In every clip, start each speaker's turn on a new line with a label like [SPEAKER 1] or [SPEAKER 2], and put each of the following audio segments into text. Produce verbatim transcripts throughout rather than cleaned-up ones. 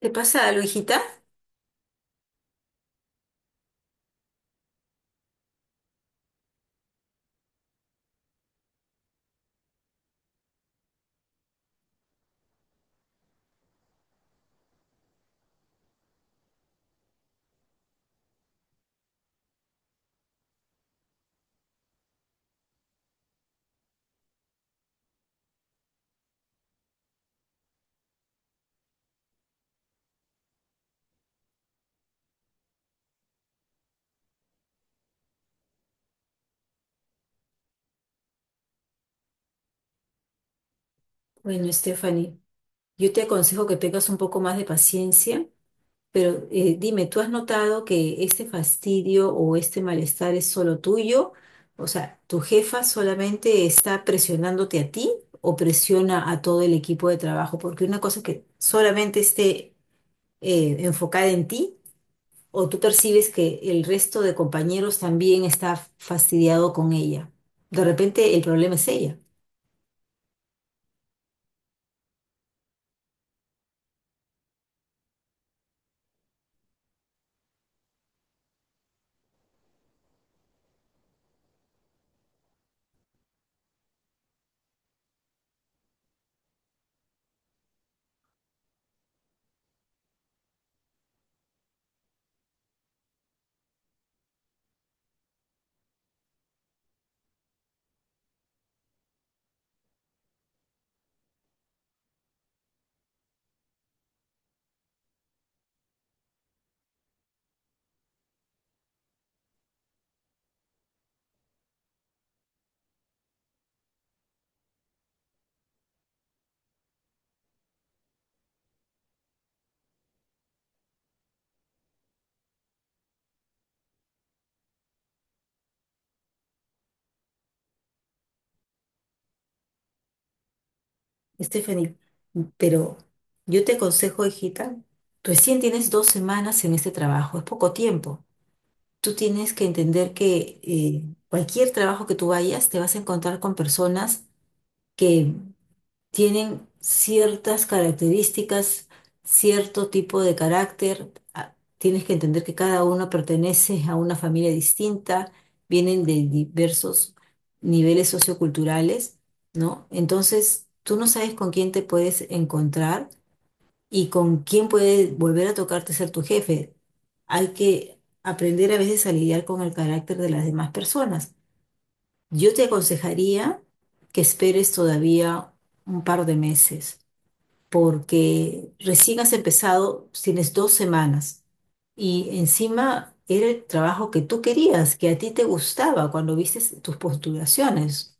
[SPEAKER 1] ¿Te pasa algo, hijita? Bueno, Stephanie, yo te aconsejo que tengas un poco más de paciencia, pero eh, dime, ¿tú has notado que este fastidio o este malestar es solo tuyo? O sea, ¿tu jefa solamente está presionándote a ti o presiona a todo el equipo de trabajo? Porque una cosa es que solamente esté eh, enfocada en ti o tú percibes que el resto de compañeros también está fastidiado con ella. De repente el problema es ella. Stephanie, pero yo te aconsejo, hijita, recién tienes dos semanas en este trabajo, es poco tiempo. Tú tienes que entender que eh, cualquier trabajo que tú vayas, te vas a encontrar con personas que tienen ciertas características, cierto tipo de carácter. Ah, tienes que entender que cada uno pertenece a una familia distinta, vienen de diversos niveles socioculturales, ¿no? Entonces, tú no sabes con quién te puedes encontrar y con quién puede volver a tocarte ser tu jefe. Hay que aprender a veces a lidiar con el carácter de las demás personas. Yo te aconsejaría que esperes todavía un par de meses porque recién has empezado, tienes dos semanas y encima era el trabajo que tú querías, que a ti te gustaba cuando viste tus postulaciones.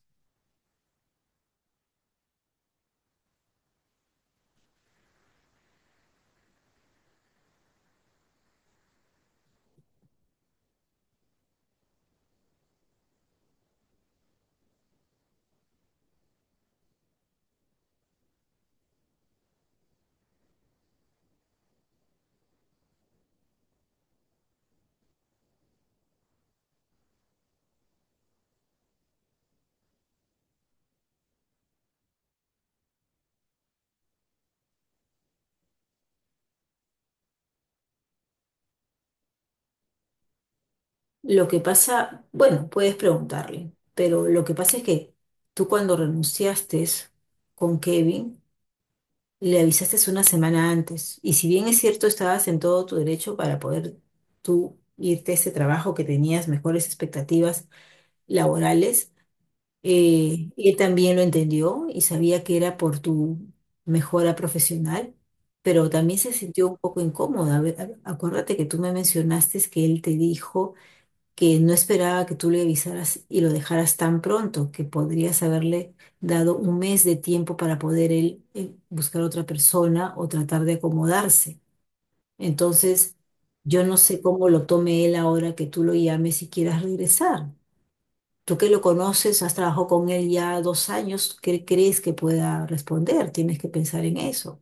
[SPEAKER 1] Lo que pasa, bueno, puedes preguntarle, pero lo que pasa es que tú cuando renunciaste con Kevin, le avisaste una semana antes y si bien es cierto, estabas en todo tu derecho para poder tú irte a ese trabajo que tenías mejores expectativas laborales. Eh, él también lo entendió y sabía que era por tu mejora profesional, pero también se sintió un poco incómoda. A ver, a- Acuérdate que tú me mencionaste que él te dijo que no esperaba que tú le avisaras y lo dejaras tan pronto, que podrías haberle dado un mes de tiempo para poder él eh, buscar otra persona o tratar de acomodarse. Entonces, yo no sé cómo lo tome él ahora que tú lo llames y quieras regresar. Tú que lo conoces, has trabajado con él ya dos años, ¿qué crees que pueda responder? Tienes que pensar en eso.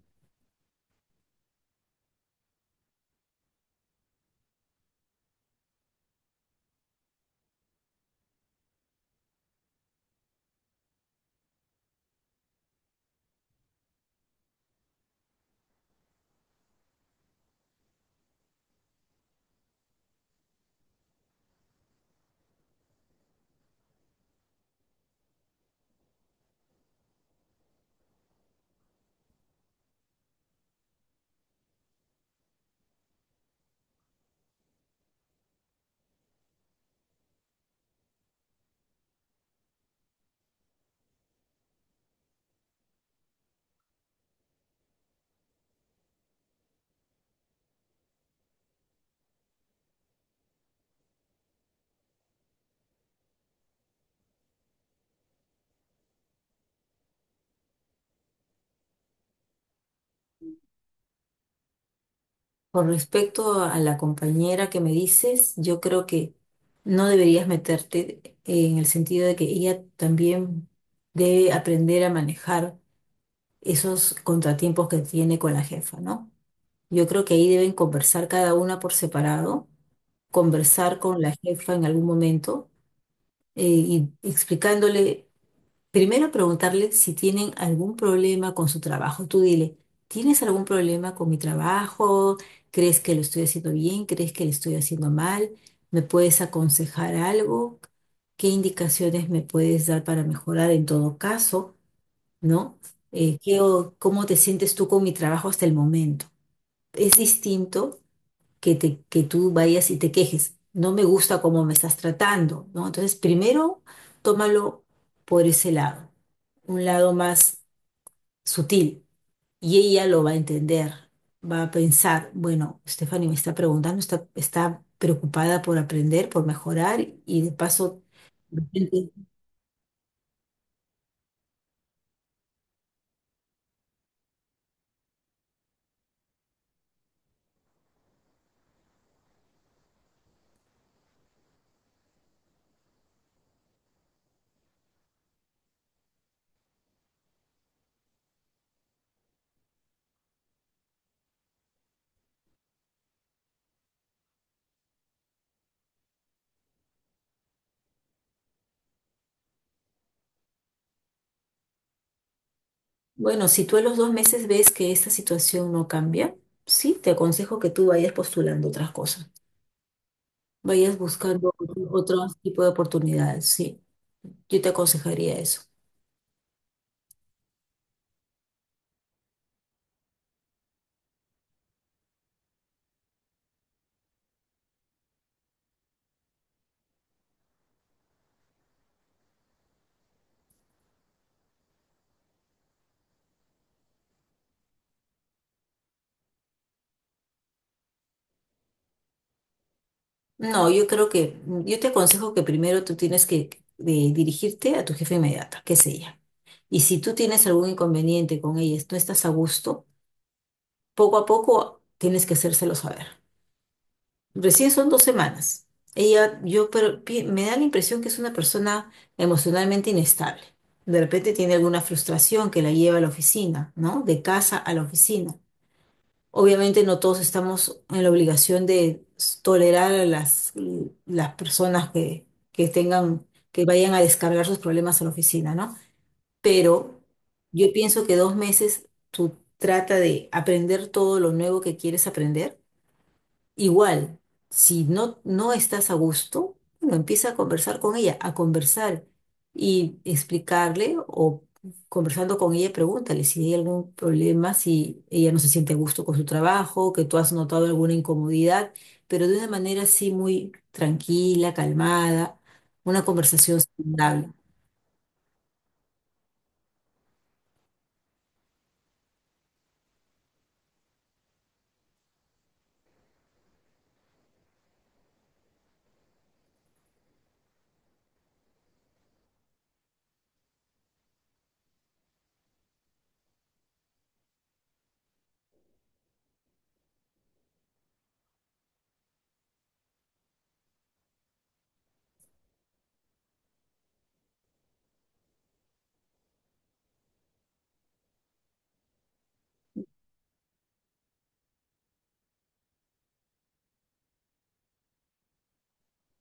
[SPEAKER 1] Con respecto a la compañera que me dices, yo creo que no deberías meterte en el sentido de que ella también debe aprender a manejar esos contratiempos que tiene con la jefa, ¿no? Yo creo que ahí deben conversar cada una por separado, conversar con la jefa en algún momento, eh, y explicándole. Primero preguntarle si tienen algún problema con su trabajo. Tú dile, ¿tienes algún problema con mi trabajo? ¿Crees que lo estoy haciendo bien? ¿Crees que lo estoy haciendo mal? ¿Me puedes aconsejar algo? ¿Qué indicaciones me puedes dar para mejorar en todo caso? ¿No? Eh, ¿qué o- cómo te sientes tú con mi trabajo hasta el momento? Es distinto que, te, que tú vayas y te quejes. No me gusta cómo me estás tratando, ¿no? Entonces, primero, tómalo por ese lado, un lado más sutil, y ella lo va a entender, va a pensar, bueno, Stephanie me está preguntando, está, está preocupada por aprender, por mejorar, y de paso, de repente, bueno, si tú a los dos meses ves que esta situación no cambia, sí, te aconsejo que tú vayas postulando otras cosas, vayas buscando otro otro tipo de oportunidades, sí. Yo te aconsejaría eso. No, yo creo que, yo te aconsejo que primero tú tienes que eh, dirigirte a tu jefa inmediata, que es ella. Y si tú tienes algún inconveniente con ella, no estás a gusto, poco a poco tienes que hacérselo saber. Recién son dos semanas. Ella, yo, pero pi- me da la impresión que es una persona emocionalmente inestable. De repente tiene alguna frustración que la lleva a la oficina, ¿no? De casa a la oficina. Obviamente no todos estamos en la obligación de s- tolerar a las, las personas que, que tengan, que vayan a descargar sus problemas a la oficina, ¿no? Pero yo pienso que dos meses tú trata de aprender todo lo nuevo que quieres aprender. Igual, si no, no estás a gusto, bueno, empieza a conversar con ella, a conversar y explicarle o conversando con ella, pregúntale si hay algún problema, si ella no se siente a gusto con su trabajo, que tú has notado alguna incomodidad, pero de una manera así muy tranquila, calmada, una conversación saludable.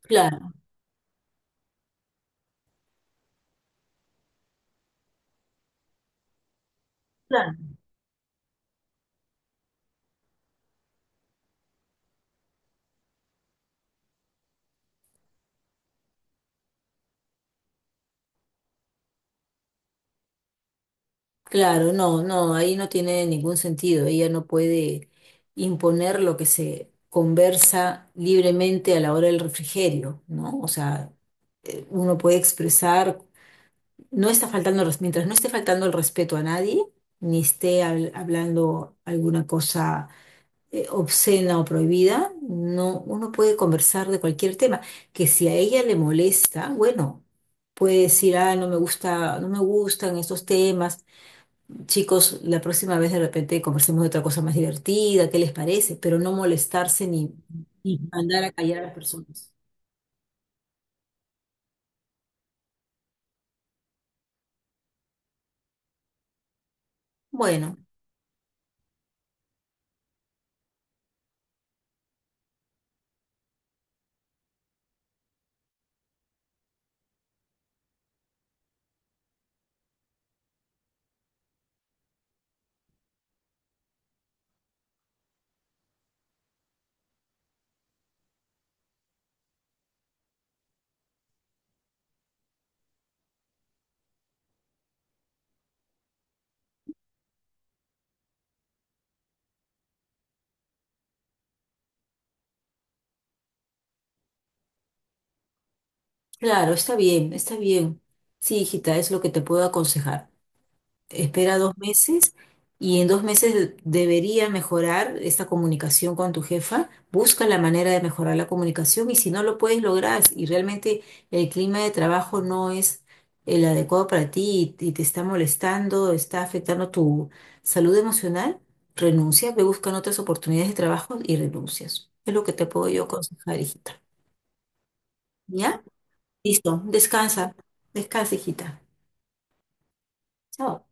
[SPEAKER 1] Claro, claro. Claro, no, no, ahí no tiene ningún sentido. Ella no puede imponer lo que se conversa libremente a la hora del refrigerio, ¿no? O sea, eh, uno puede expresar, no está faltando, res- mientras no esté faltando el respeto a nadie, ni esté habl- hablando alguna cosa eh, obscena o prohibida, no, uno puede conversar de cualquier tema. Que si a ella le molesta, bueno, puede decir, ah, no me gusta, no me gustan estos temas. Chicos, la próxima vez de repente conversemos de otra cosa más divertida, ¿qué les parece? Pero no molestarse ni, ni, mandar a callar a las personas. Bueno, claro, está bien, está bien. Sí, hijita, es lo que te puedo aconsejar. Espera dos meses y en dos meses debería mejorar esta comunicación con tu jefa. Busca la manera de mejorar la comunicación y si no lo puedes lograr y realmente el clima de trabajo no es el adecuado para ti y, y te está molestando, está afectando tu salud emocional, renuncia, ve buscando otras oportunidades de trabajo y renuncias. Es lo que te puedo yo aconsejar, hijita. ¿Ya? Listo. Descansa. Descansa, hijita. Chao.